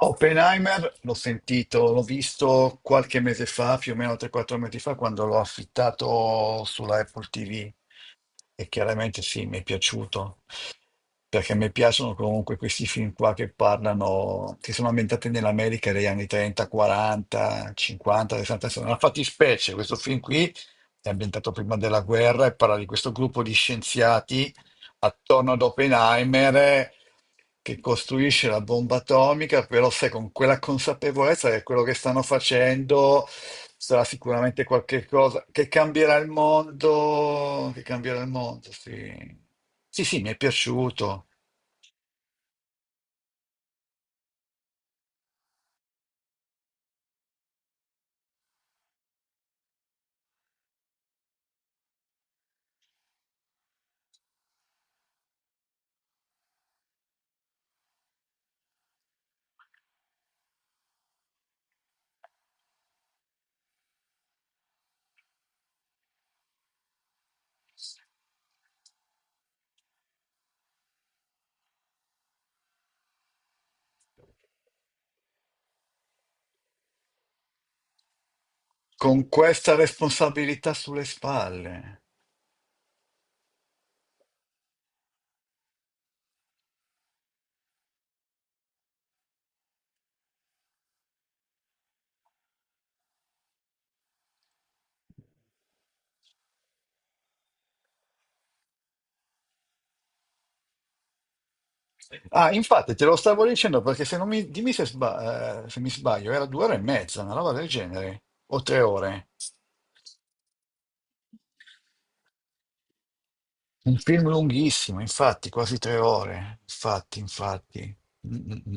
Oppenheimer l'ho sentito, l'ho visto qualche mese fa, più o meno 3-4 mesi fa, quando l'ho affittato sulla Apple TV. E chiaramente sì, mi è piaciuto, perché mi piacciono comunque questi film qua che parlano, che sono ambientati nell'America degli anni 30, 40, 50, 60. Una fattispecie, questo film qui è ambientato prima della guerra e parla di questo gruppo di scienziati attorno ad Oppenheimer, che costruisce la bomba atomica, però sai, con quella consapevolezza che quello che stanno facendo sarà sicuramente qualche cosa che cambierà il mondo, che cambierà il mondo, sì. Sì, sì, mi è piaciuto. Con questa responsabilità sulle spalle. Ah, infatti, te lo stavo dicendo perché se non mi, dimmi se, se mi sbaglio, era 2 ore e mezza, una roba del genere, o 3 ore. Un film lunghissimo, infatti, quasi 3 ore. Infatti, infatti. Mm, mm, mm.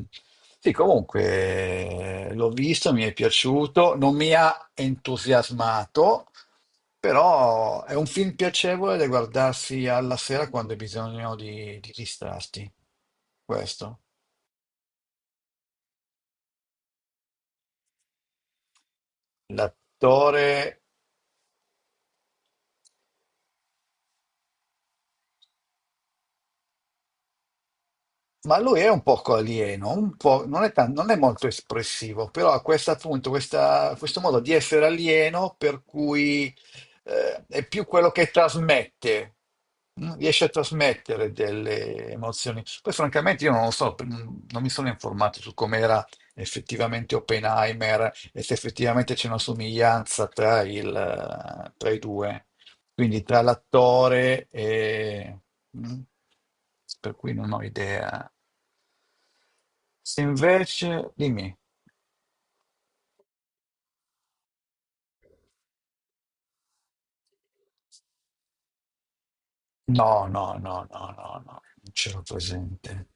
Sì, comunque l'ho visto, mi è piaciuto, non mi ha entusiasmato, però è un film piacevole da guardarsi alla sera quando hai bisogno di distrarti. Questo. L'attore Ma lui è un poco alieno, un po', non è molto espressivo, però ha questo appunto, questo modo di essere alieno per cui è più quello che trasmette, riesce a trasmettere delle emozioni. Poi francamente io non lo so, non mi sono informato su com'era effettivamente Oppenheimer e se effettivamente c'è una somiglianza tra i due, quindi tra l'attore mm, per cui non ho idea. Se invece, dimmi, no, no, no, no, no, no, non ce l'ho presente.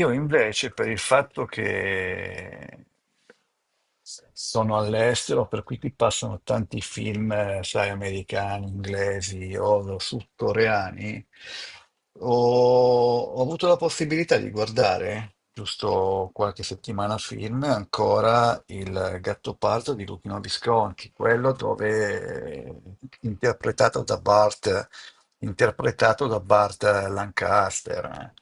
Io invece, per il fatto che sono all'estero, per cui qui passano tanti film, sai, americani, inglesi o sudcoreani, ho, ho avuto la possibilità di guardare, giusto qualche settimana film, ancora Il Gattopardo di Luchino Visconti, quello dove interpretato da Bart, interpretato da Bart Lancaster,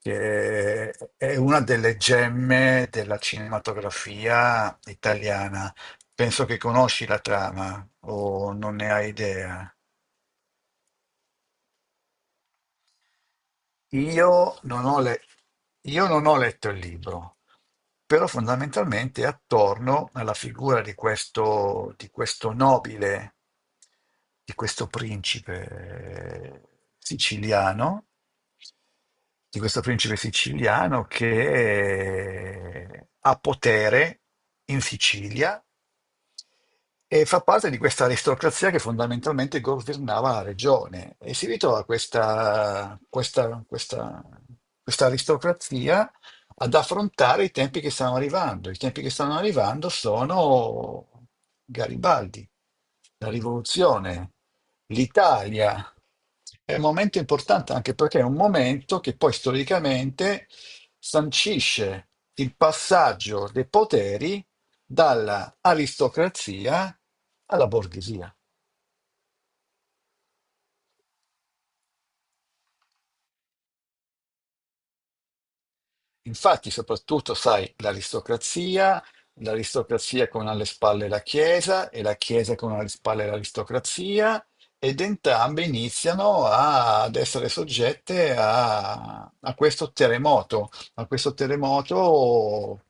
che è una delle gemme della cinematografia italiana. Penso che conosci la trama o non ne hai idea. Io non ho, le- io non ho letto il libro, però fondamentalmente è attorno alla figura di questo nobile, di questo principe siciliano, di questo principe siciliano che ha potere in Sicilia e fa parte di questa aristocrazia che fondamentalmente governava la regione e si ritrova questa aristocrazia ad affrontare i tempi che stanno arrivando. I tempi che stanno arrivando sono Garibaldi, la rivoluzione, l'Italia. È un momento importante anche perché è un momento che poi storicamente sancisce il passaggio dei poteri dalla aristocrazia alla borghesia. Infatti, soprattutto, sai, l'aristocrazia, l'aristocrazia con alle spalle la Chiesa e la Chiesa con alle spalle l'aristocrazia, ed entrambe iniziano ad essere soggette a questo terremoto, a questo terremoto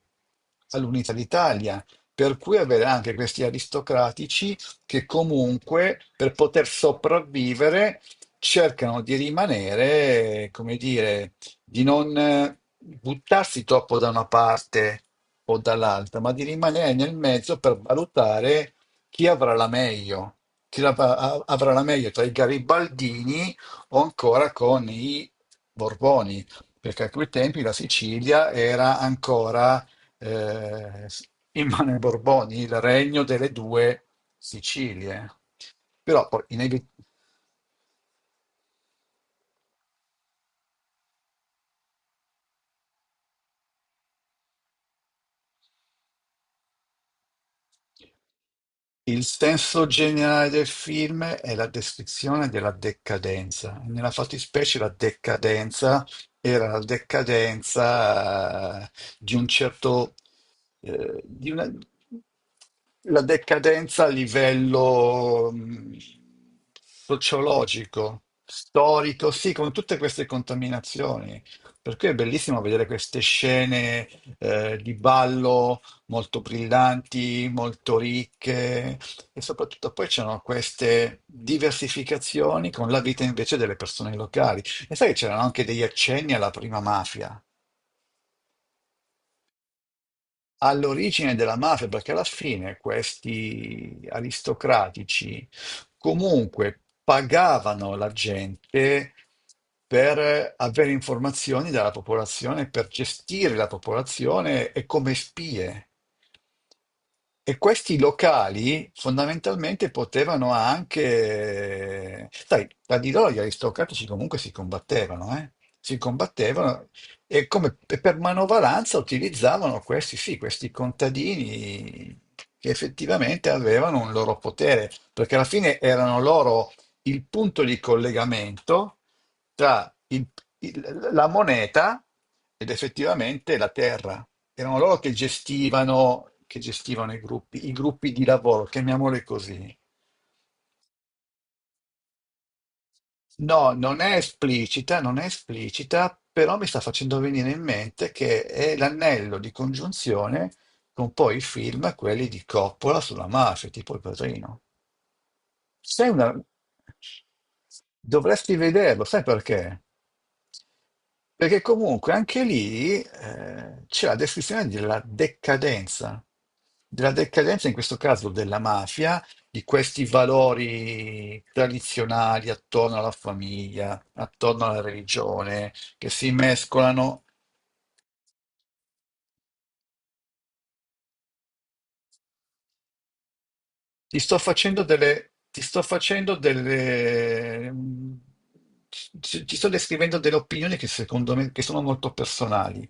all'unità d'Italia. Per cui avere anche questi aristocratici che comunque per poter sopravvivere cercano di rimanere, come dire, di non buttarsi troppo da una parte o dall'altra, ma di rimanere nel mezzo per valutare chi avrà la meglio, chi avrà la meglio tra i garibaldini o ancora con i Borboni, perché a quei tempi la Sicilia era ancora eh, in mano ai Borboni, il regno delle due Sicilie. Però poi inevitabilmente. Il senso generale del film è la descrizione della decadenza. Nella fattispecie la decadenza era la decadenza di un certo, eh, di una- la decadenza a livello sociologico, storico, sì, con tutte queste contaminazioni. Per cui è bellissimo vedere queste scene di ballo molto brillanti, molto ricche e soprattutto poi c'erano queste diversificazioni con la vita invece delle persone locali. E sai che c'erano anche degli accenni alla prima mafia. All'origine della mafia, perché alla fine questi aristocratici comunque pagavano la gente per avere informazioni dalla popolazione, per gestire la popolazione e come spie. E questi locali fondamentalmente potevano anche. Sai, tra di loro gli aristocratici comunque si combattevano, eh? Si combattevano e come per manovalanza utilizzavano questi, sì, questi contadini che effettivamente avevano un loro potere, perché alla fine erano loro il punto di collegamento tra la moneta ed effettivamente la terra. Erano loro che gestivano i gruppi di lavoro, chiamiamoli così. No, non è esplicita, non è esplicita, però mi sta facendo venire in mente che è l'anello di congiunzione con poi i film, quelli di Coppola sulla mafia, tipo Il Padrino. Sei una. Dovresti vederlo, sai perché? Perché comunque anche lì c'è la descrizione della decadenza in questo caso della mafia di questi valori tradizionali attorno alla famiglia, attorno alla religione, che si mescolano. Ti sto facendo delle, ti sto facendo delle, mm, ci- ti sto descrivendo delle opinioni che secondo me che sono molto personali.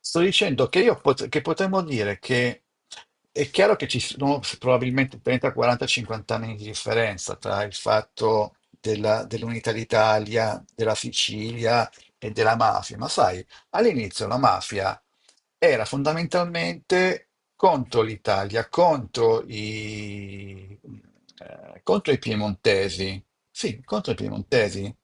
Sto dicendo che potremmo dire che è chiaro che ci sono probabilmente 30, 40, 50 anni di differenza tra il fatto dell'unità d'Italia, della Sicilia e della mafia, ma sai, all'inizio la mafia era fondamentalmente contro l'Italia, contro i piemontesi. Sì, contro i piemontesi.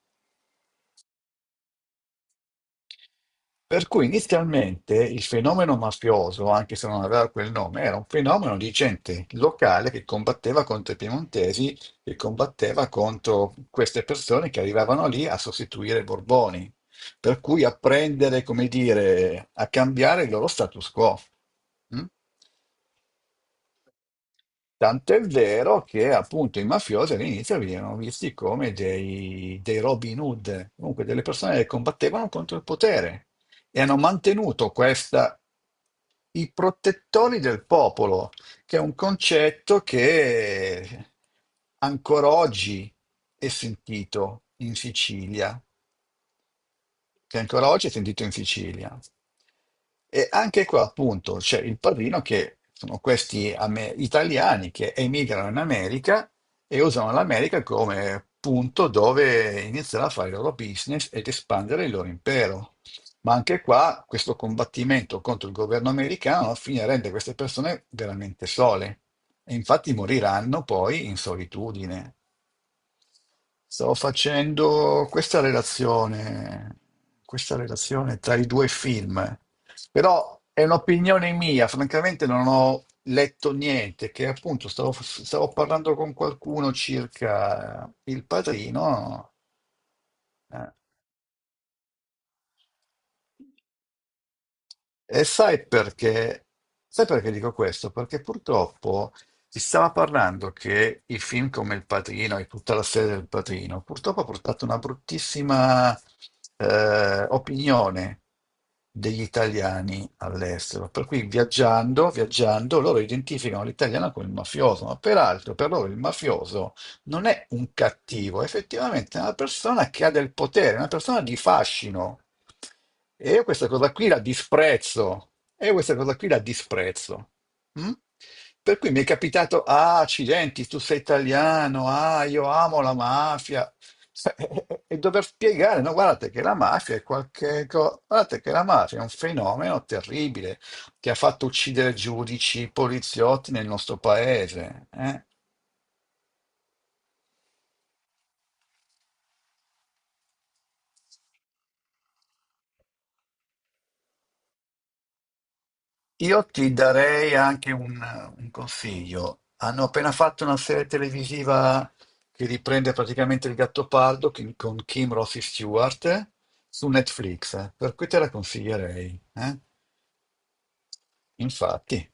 Per cui inizialmente il fenomeno mafioso, anche se non aveva quel nome, era un fenomeno di gente locale che combatteva contro i piemontesi, che combatteva contro queste persone che arrivavano lì a sostituire i Borboni, per cui a prendere, come dire, a cambiare il loro status quo. Mm? Tant'è vero che appunto i mafiosi all'inizio venivano visti come dei Robin Hood, comunque delle persone che combattevano contro il potere e hanno mantenuto questa, i protettori del popolo, che è un concetto che ancora oggi è sentito in Sicilia, che ancora oggi è sentito in Sicilia. E anche qua, appunto, c'è il padrino che sono questi italiani che emigrano in America e usano l'America come punto dove iniziare a fare il loro business ed espandere il loro impero. Ma anche qua, questo combattimento contro il governo americano alla fine rende queste persone veramente sole e infatti moriranno poi in solitudine. Stavo facendo questa relazione tra i due film, però è un'opinione mia, francamente non ho letto niente, che appunto stavo parlando con qualcuno circa Il Padrino, eh, E sai perché? Sai perché dico questo? Perché purtroppo si stava parlando che i film come Il Padrino e tutta la serie del Padrino purtroppo ha portato una bruttissima opinione degli italiani all'estero. Per cui viaggiando, viaggiando, loro identificano l'italiano con il mafioso, ma peraltro per loro il mafioso non è un cattivo, effettivamente è effettivamente una persona che ha del potere, una persona di fascino. E io questa cosa qui la disprezzo. E io questa cosa qui la disprezzo. Mm? Per cui mi è capitato, ah, accidenti, tu sei italiano, ah, io amo la mafia. Cioè, e dover spiegare, no, guardate che la mafia è qualche cosa, guardate che la mafia è un fenomeno terribile che ha fatto uccidere giudici, poliziotti nel nostro paese. Io ti darei anche un consiglio. Hanno appena fatto una serie televisiva che riprende praticamente il Gattopardo con Kim Rossi Stewart su Netflix, per cui te la consiglierei, eh? Infatti.